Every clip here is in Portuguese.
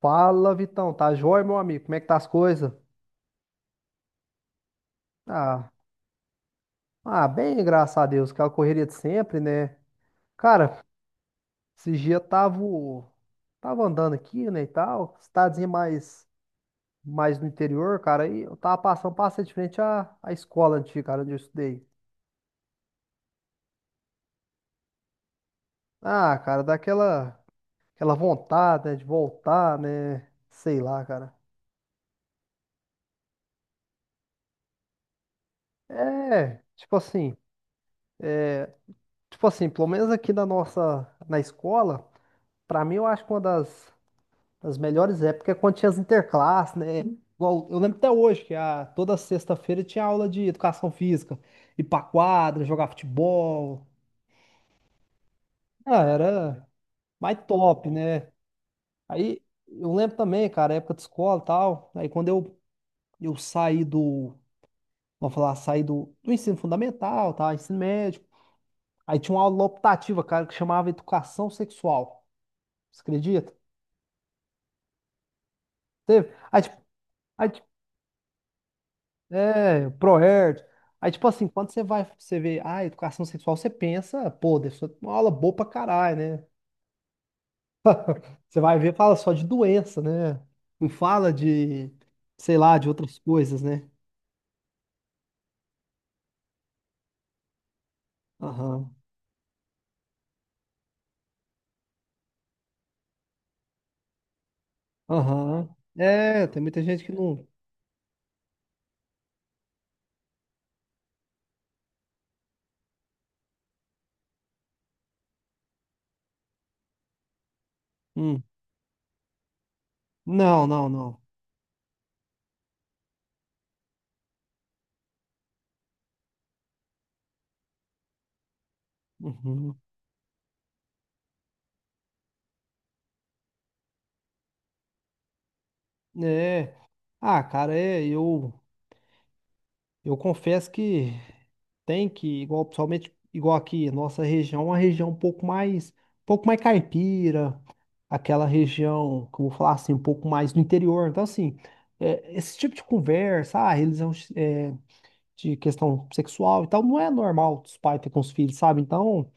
Fala, Vitão. Tá joia, meu amigo? Como é que tá as coisas? Ah, ah, bem, graças a Deus. Aquela correria de sempre, né? Cara, esses dias eu tava andando aqui, né, e tal. Cidadezinha mais no interior, cara. E eu tava passei de frente à escola antiga, cara, onde eu estudei. Ah, cara, daquela aquela aquela vontade, né, de voltar, né? Sei lá, cara. É, tipo assim, pelo menos aqui na escola, pra mim eu acho que uma das As melhores épocas é quando tinha as interclasses, né? Igual, eu lembro até hoje que toda sexta-feira tinha aula de educação física. Ir pra quadra, jogar futebol. Ah, era mais top, né? Aí eu lembro também, cara, época de escola e tal. Aí quando eu saí do, vamos falar, saí do ensino fundamental, tá? Ensino médio. Aí tinha uma aula optativa, cara, que chamava Educação Sexual. Você acredita? Teve? Aí, tipo, aí, é, ProErd. Aí, tipo assim, quando você vai, você vê, ah, educação sexual, você pensa, pô, deve ser uma aula boa pra caralho, né? Você vai ver, fala só de doença, né? Não fala de, sei lá, de outras coisas, né? Aham, aham. É, tem muita gente que não. Hum. Não, não, não. Uhum. É. Ah, cara, é, eu confesso que. Tem que, igual, principalmente igual aqui, nossa região, é uma região um pouco mais caipira, aquela região, como eu vou falar assim, um pouco mais do interior. Então, assim, é, esse tipo de conversa, ah, religião é, de questão sexual e tal, não é normal os pais ter com os filhos, sabe? Então,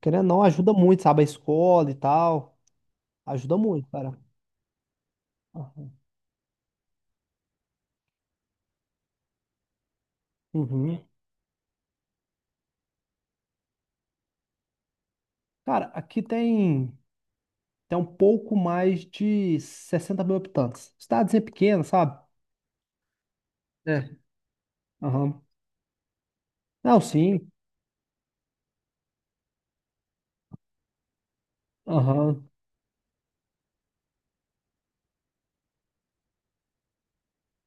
querendo ou não, ajuda muito, sabe? A escola e tal, ajuda muito, cara. Aham. Uhum. Cara, aqui tem um pouco mais de 60.000 habitantes. Cidadezinha pequena, sabe? É. Aham. Não, sim. Aham.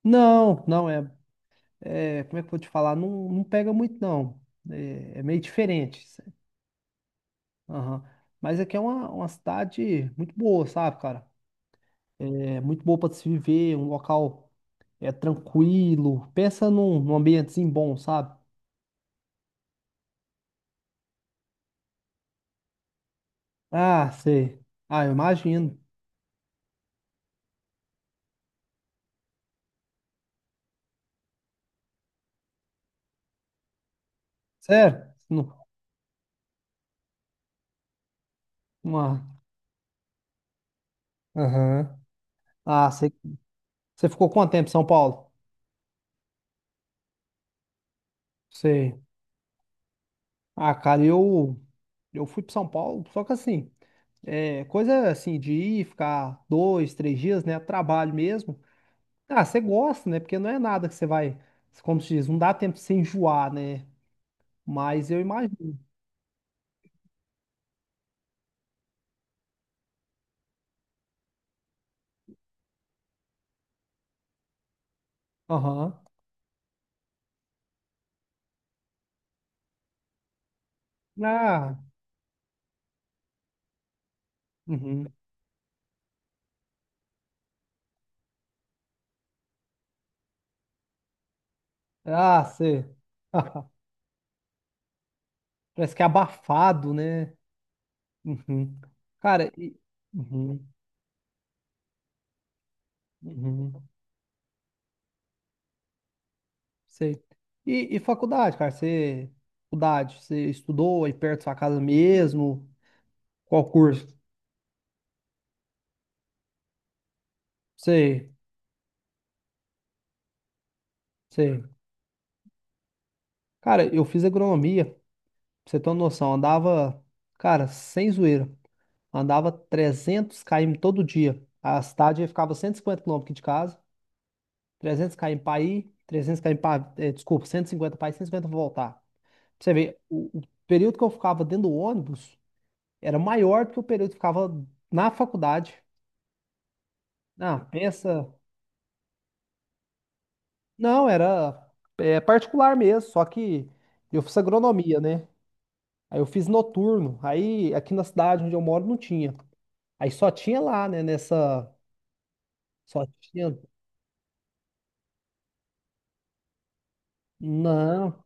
Não, não é, é. Como é que eu vou te falar? Não, não pega muito, não. É, é meio diferente, sabe? Aham. Mas aqui é uma cidade muito boa, sabe, cara? É muito boa para se viver, um local é tranquilo. Pensa num ambientezinho bom, sabe? Ah, sei. Ah, eu imagino. Sério? Uma... Aham. Ah, sei. Você ficou quanto tempo em São Paulo? Sei. Ah, cara, eu fui para São Paulo, só que assim. É, coisa assim de ir, ficar dois, três dias, né? Trabalho mesmo. Ah, você gosta, né? Porque não é nada que você vai, como se diz, não dá tempo de se enjoar, né? Mas eu imagino. Aham. Ah, uhum. Ah, você. Parece que é abafado, né? Uhum. Cara, e. Uhum. Uhum. Sei. E faculdade, cara? Você. Faculdade, você estudou aí perto da sua casa mesmo? Qual curso? Sei, sei. Cara, eu fiz agronomia. Pra você ter uma noção, andava, cara, sem zoeira. Andava 300 km todo dia. A cidade ficava 150 km aqui de casa, 300 km para ir, 300 km para, eh, desculpa, 150 para ir, 150 para voltar. Pra você ver, o período que eu ficava dentro do ônibus era maior do que o período que eu ficava na faculdade. Ah, pensa. Não, era é particular mesmo, só que eu fiz agronomia, né? Aí eu fiz noturno. Aí aqui na cidade onde eu moro não tinha. Aí só tinha lá, né? Nessa. Só tinha. Não,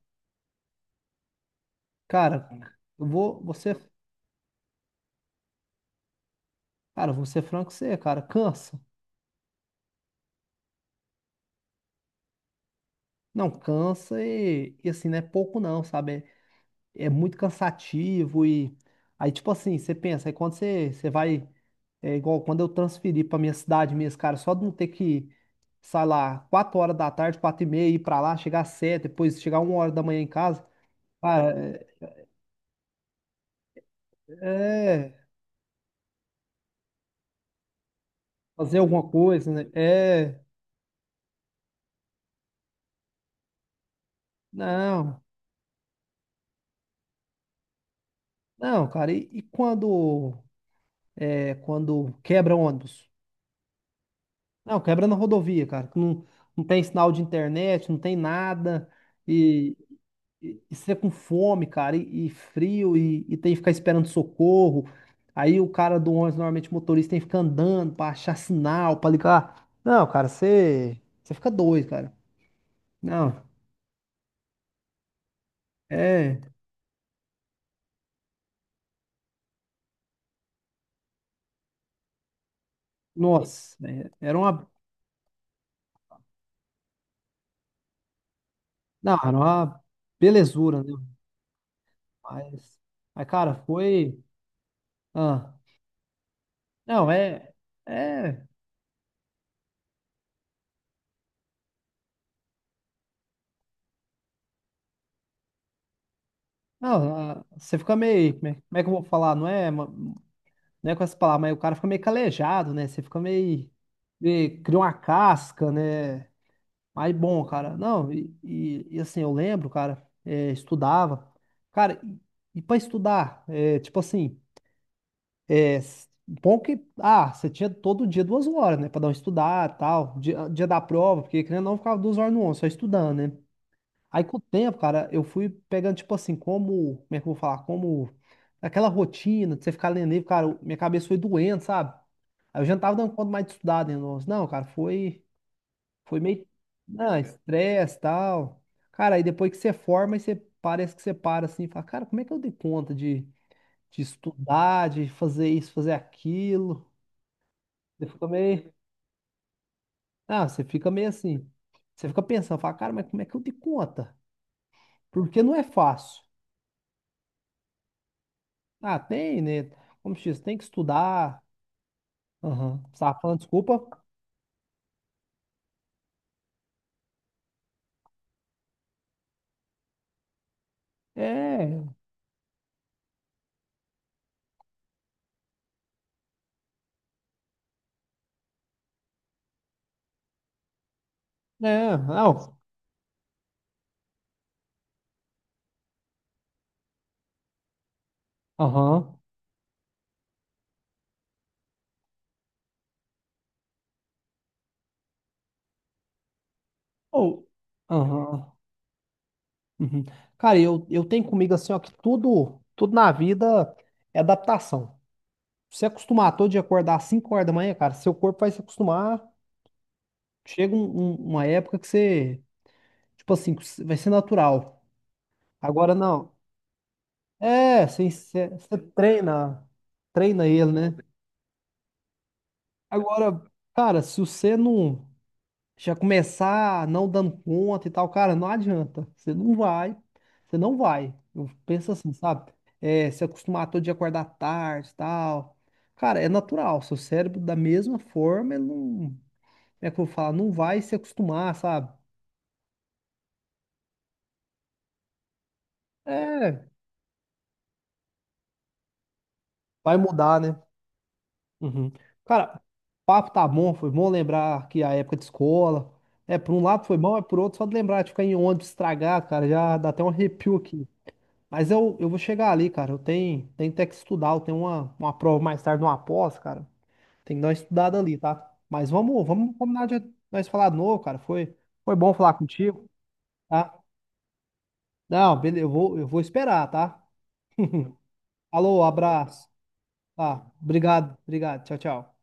cara, eu vou. Você. Cara, eu vou ser franco com você, cara. Cansa. Não, cansa e assim, não é pouco não, sabe? É muito cansativo Aí, tipo assim, você pensa, aí quando você vai. É igual quando eu transferi pra minha cidade mesmo, cara, só de não ter que, sei lá, 4 horas da tarde, 4 e meia, ir pra lá, chegar às 7, depois chegar 1 hora da manhã em casa. Cara, é, fazer alguma coisa, né? É. Não. Não, cara, e quando quando quebra ônibus? Não, quebra na rodovia, cara, que não tem sinal de internet, não tem nada, e, e você com fome, cara, e frio, e tem que ficar esperando socorro. Aí o cara do ônibus, normalmente o motorista, tem que ficar andando pra achar sinal, pra ligar. Não, cara, você fica doido, cara. Não, é. Nossa, é- era uma. Não, era uma belezura, né? Mas, mas, cara, foi. Ah. Não, é. É. Não, você fica meio. Como é que eu vou falar? Não é, não é com essa palavra, mas o cara fica meio calejado, né? Você fica cria uma casca, né? Mas bom, cara. Não, e assim, eu lembro, cara, é, estudava. Cara, e pra estudar? É, tipo assim, é, bom que. Ah, você tinha todo dia 2 horas, né? Pra dar uma estudada e tal. Dia da prova, porque querendo ou não, eu ficava 2 horas no ônibus, só estudando, né? Aí com o tempo, cara, eu fui pegando, tipo assim, como é que eu vou falar? Como aquela rotina de você ficar lendo livro, cara, minha cabeça foi doendo, sabe? Aí eu já não tava dando conta mais de estudar, né? Nossa. Não, cara, foi meio, não, estresse e tal. Cara, aí depois que você forma, aí você parece que você para assim, e fala, cara, como é que eu dei conta de estudar, de fazer isso, fazer aquilo? Você fica meio, ah, você fica meio assim, você fica pensando, fala, cara, mas como é que eu dei conta? Porque não é fácil. Ah, tem, né? Como X, tem que estudar. Aham. Você tava falando, desculpa. É, é, não. Aham. Ou, aham. Uhum. Cara, eu tenho comigo assim, ó, que tudo, tudo na vida é adaptação. Se você acostumar todo dia acordar às 5 horas da manhã, cara, seu corpo vai se acostumar. Chega uma época que você, tipo assim, que vai ser natural. Agora não. É, você treina ele, né? Agora, cara, se você não já começar não dando conta e tal, cara, não adianta. Você não vai, você não vai. Eu penso assim, sabe? É, se acostumar todo dia a acordar tarde e tal. Cara, é natural. Seu cérebro, da mesma forma, ele não. Como é que eu vou falar? Não vai se acostumar, sabe? É, vai mudar, né? Uhum. Cara, papo tá bom, foi bom lembrar que a época de escola. É, por um lado foi bom, é por outro, só de lembrar de ficar em ônibus estragado, cara, já dá até um arrepio aqui. Mas eu vou chegar ali, cara. Eu tenho até que estudar. Eu tenho uma prova mais tarde, uma pós, cara. Tem que dar uma estudada ali, tá? Mas vamos combinar de nós falar de novo, cara. Foi bom falar contigo, tá? Não, beleza. Eu vou esperar, tá? Alô, abraço. Tá, obrigado, obrigado. Tchau, tchau.